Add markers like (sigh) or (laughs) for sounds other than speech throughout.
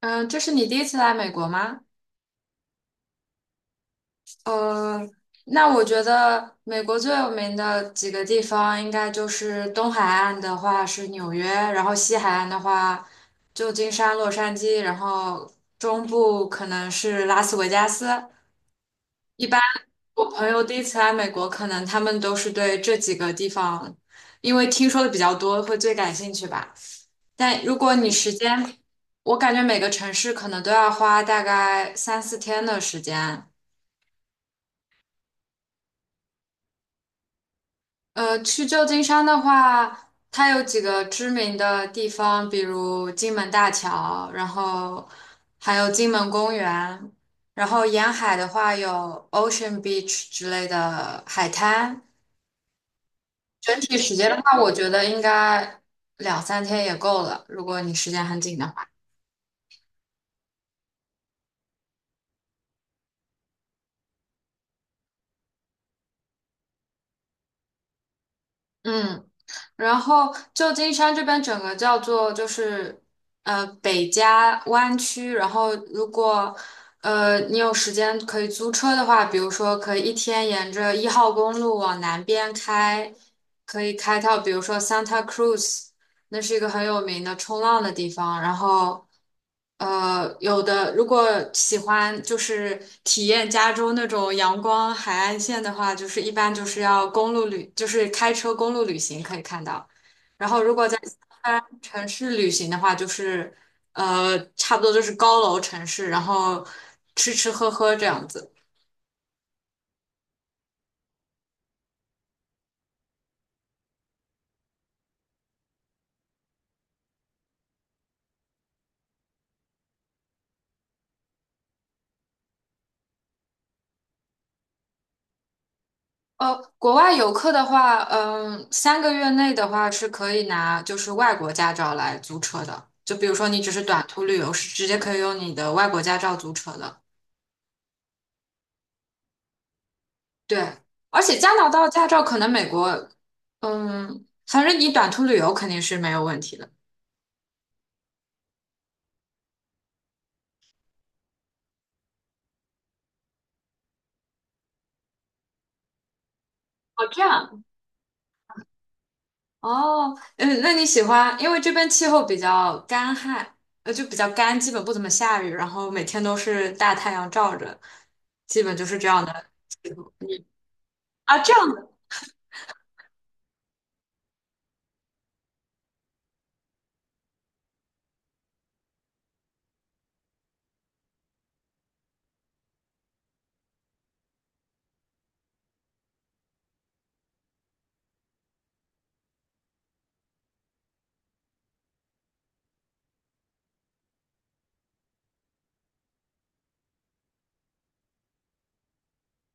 嗯，这是你第一次来美国吗？呃，那我觉得美国最有名的几个地方，应该就是东海岸的话是纽约，然后西海岸的话旧金山、洛杉矶，然后中部可能是拉斯维加斯。一般我朋友第一次来美国，可能他们都是对这几个地方，因为听说的比较多，会最感兴趣吧。但如果你时间，我感觉每个城市可能都要花大概三四天的时间。去旧金山的话，它有几个知名的地方，比如金门大桥，然后还有金门公园，然后沿海的话有 Ocean Beach 之类的海滩。整体时间的话，我觉得应该两三天也够了，如果你时间很紧的话。嗯。然后旧金山这边整个叫做就是北加湾区，然后如果你有时间可以租车的话，比如说可以一天沿着一号公路往南边开，可以开到比如说 Santa Cruz。那是一个很有名的冲浪的地方。然后，有的如果喜欢就是体验加州那种阳光海岸线的话，就是一般就是要公路旅，就是开车公路旅行可以看到。然后，如果在西安城市旅行的话，就是差不多就是高楼城市，然后吃吃喝喝这样子。国外游客的话，嗯，三个月内的话是可以拿就是外国驾照来租车的。就比如说你只是短途旅游，是直接可以用你的外国驾照租车的。对，而且加拿大驾照可能美国，嗯，反正你短途旅游肯定是没有问题的。哦，这样。哦，嗯，那你喜欢，因为这边气候比较干旱，就比较干，基本不怎么下雨，然后每天都是大太阳照着，基本就是这样的气候。啊，这样。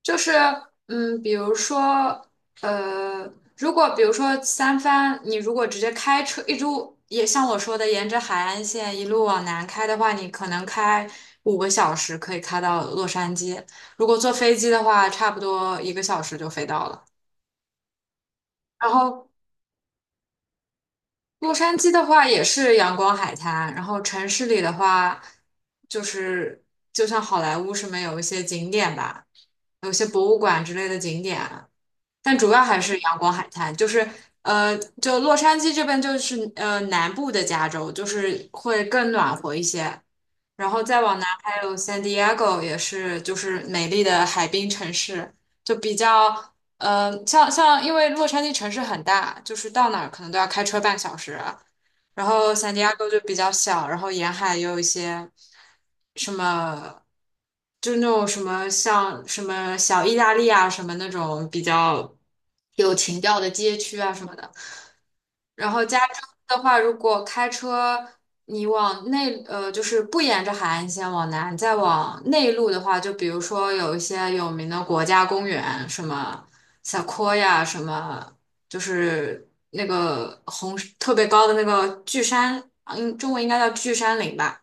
就是嗯，比如说呃，如果比如说三藩，你如果直接开车一路，也像我说的，沿着海岸线一路往南开的话，你可能开五个小时可以开到洛杉矶。如果坐飞机的话，差不多一个小时就飞到了。然后洛杉矶的话也是阳光海滩，然后城市里的话就是就像好莱坞什么有一些景点吧，有一些博物馆之类的景点。但主要还是阳光海滩，就洛杉矶这边就是南部的加州，就是会更暖和一些。然后再往南还有 San Diego,也是就是美丽的海滨城市，就比较呃像因为洛杉矶城市很大，就是到哪儿可能都要开车半小时，然后圣地亚哥就比较小，然后沿海也有一些什么，就那种什么像什么小意大利啊，什么那种比较有情调的街区啊什么的。然后加州的话，如果开车你往内，就是不沿着海岸线往南，再往内陆的话，就比如说有一些有名的国家公园，什么 SEQ 什么就是那个红特别高的那个巨山，嗯，中文应该叫巨山岭吧。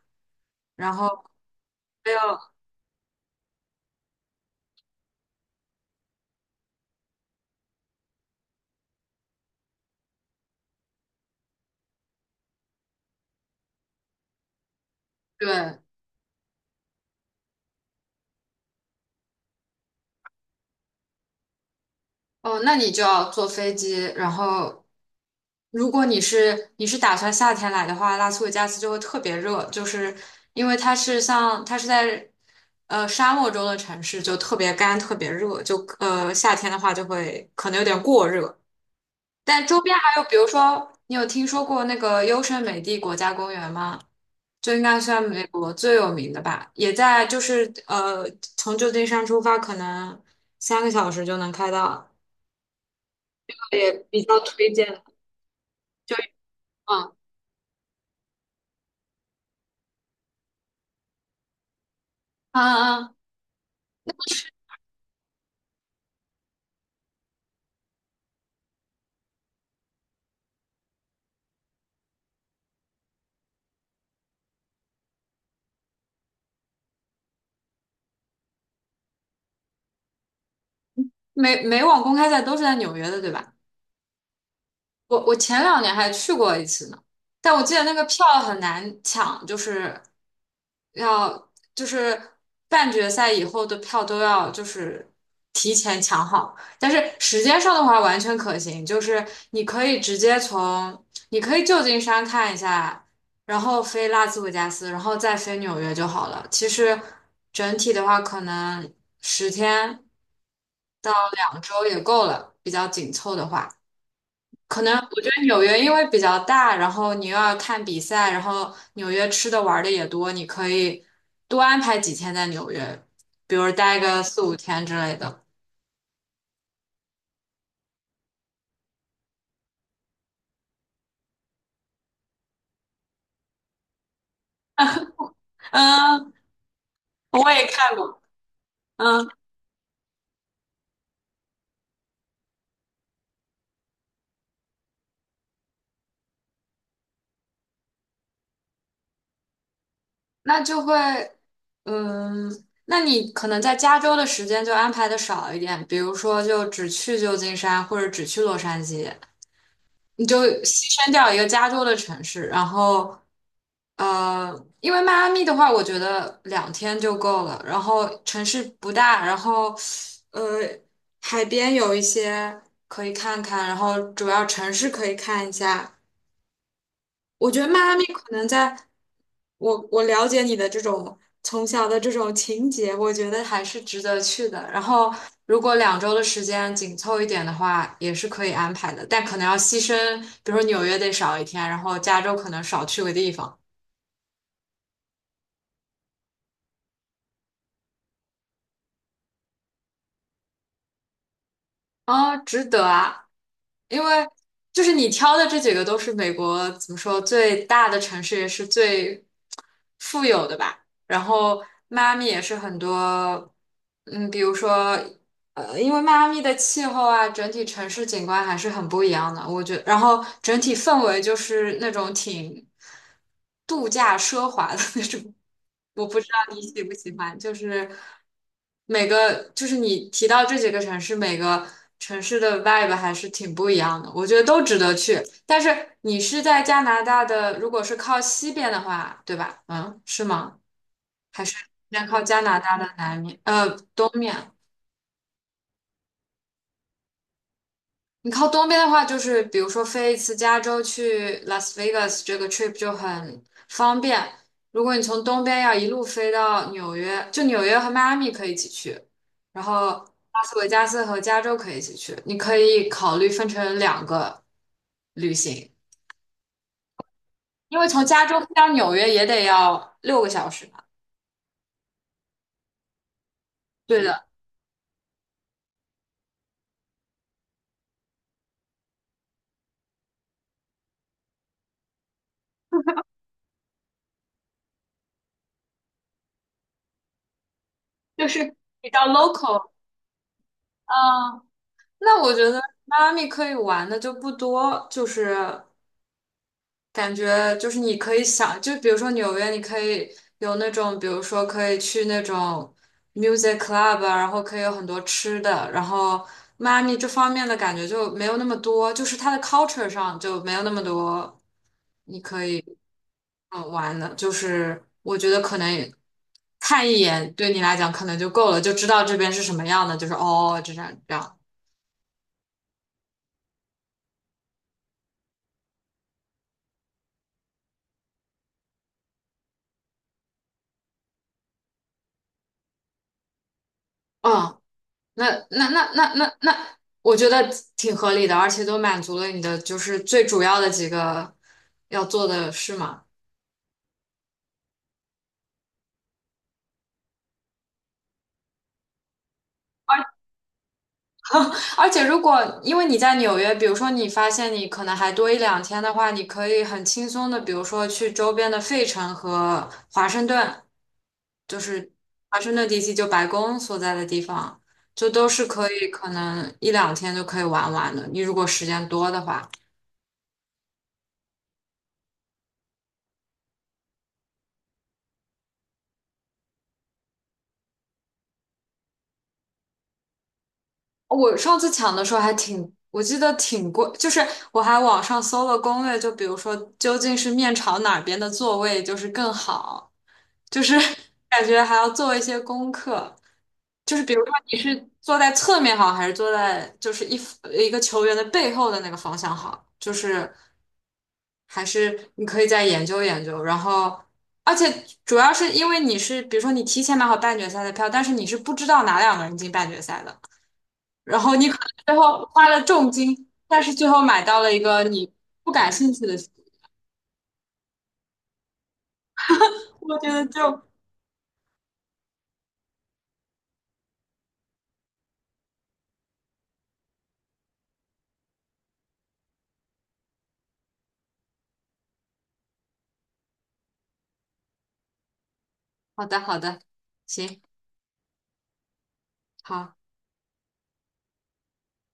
然后还有对，哦，那你就要坐飞机，然后如果你是打算夏天来的话，拉斯维加斯就会特别热，就是因为它是像它是在沙漠中的城市，就特别干，特别热，夏天的话就会可能有点过热。但周边还有，比如说你有听说过那个优胜美地国家公园吗？就应该算美国最有名的吧，也在就是从旧金山出发，可能三个小时就能开到。也比较推荐。就嗯啊啊，啊美美网公开赛都是在纽约的，对吧？我前两年还去过一次呢，但我记得那个票很难抢，就是要就是半决赛以后的票都要就是提前抢好，但是时间上的话完全可行，就是你可以直接从你可以旧金山看一下，然后飞拉斯维加斯，然后再飞纽约就好了。其实整体的话，可能十天到两周也够了，比较紧凑的话。可能我觉得纽约因为比较大，然后你又要看比赛，然后纽约吃的玩的也多，你可以多安排几天在纽约，比如待个四五天之类的。嗯，我也看过。嗯，那就会，嗯，那你可能在加州的时间就安排的少一点，比如说就只去旧金山或者只去洛杉矶。你就牺牲掉一个加州的城市，然后，呃，因为迈阿密的话，我觉得两天就够了。然后城市不大，然后，呃，海边有一些可以看看，然后主要城市可以看一下，我觉得迈阿密可能在我了解你的这种从小的这种情节，我觉得还是值得去的。然后，如果两周的时间紧凑一点的话，也是可以安排的，但可能要牺牲，比如说纽约得少一天，然后加州可能少去个地方。啊，值得啊，因为就是你挑的这几个都是美国怎么说最大的城市，也是最富有的吧。然后迈阿密也是很多，嗯，比如说。因为迈阿密的气候啊，整体城市景观还是很不一样的，我觉然后整体氛围就是那种挺度假奢华的 (laughs) 那种。我不知道你喜不喜欢，就是每个就是你提到这几个城市，每个城市的 vibe 还是挺不一样的，我觉得都值得去。但是你是在加拿大的，如果是靠西边的话，对吧？嗯，是吗？那靠加拿大的南面，东面。你靠东边的话，就是比如说飞一次加州去 Las Vegas 这个 trip 就很方便。如果你从东边要一路飞到纽约，就纽约和迈阿密可以一起去，然后拉斯维加斯和加州可以一起去。你可以考虑分成两个旅行，因为从加州飞到纽约也得要六个小时嘛。对的，就是比较 local。嗯，那我觉得迈阿密可以玩的就不多，就是。感觉就是你可以想，就比如说纽约，你可以有那种，比如说可以去那种 music club 啊然后可以有很多吃的，然后迈阿密这方面的感觉就没有那么多，就是它的 culture 上就没有那么多嗯玩的，就是我觉得可能也看一眼对你来讲可能就够了，就知道这边是什么样的，就是哦这样这样，那那那那那那，我觉得挺合理的，而且都满足了你的就是最主要的几个要做的事嘛。而且如果因为你在纽约，比如说你发现你可能还多一两天的话，你可以很轻松的，比如说去周边的费城和华盛顿，就是华盛顿地区，就白宫所在的地方，就都是可以可能一两天就可以玩完的。你如果时间多的话。我上次抢的时候还挺，我记得挺贵，就是我还网上搜了攻略，就比如说究竟是面朝哪边的座位就是更好，就是 (laughs) 感觉还要做一些功课，就是比如说你是坐在侧面好，还是坐在一个球员的背后的那个方向好，就是还是你可以再研究研究，然后。而且主要是因为你是，比如说你提前买好半决赛的票，但是你是不知道哪两个人进半决赛的，然后你可能最后花了重金，但是最后买到了一个你不感兴趣的书我觉得就好的，好的，行，好。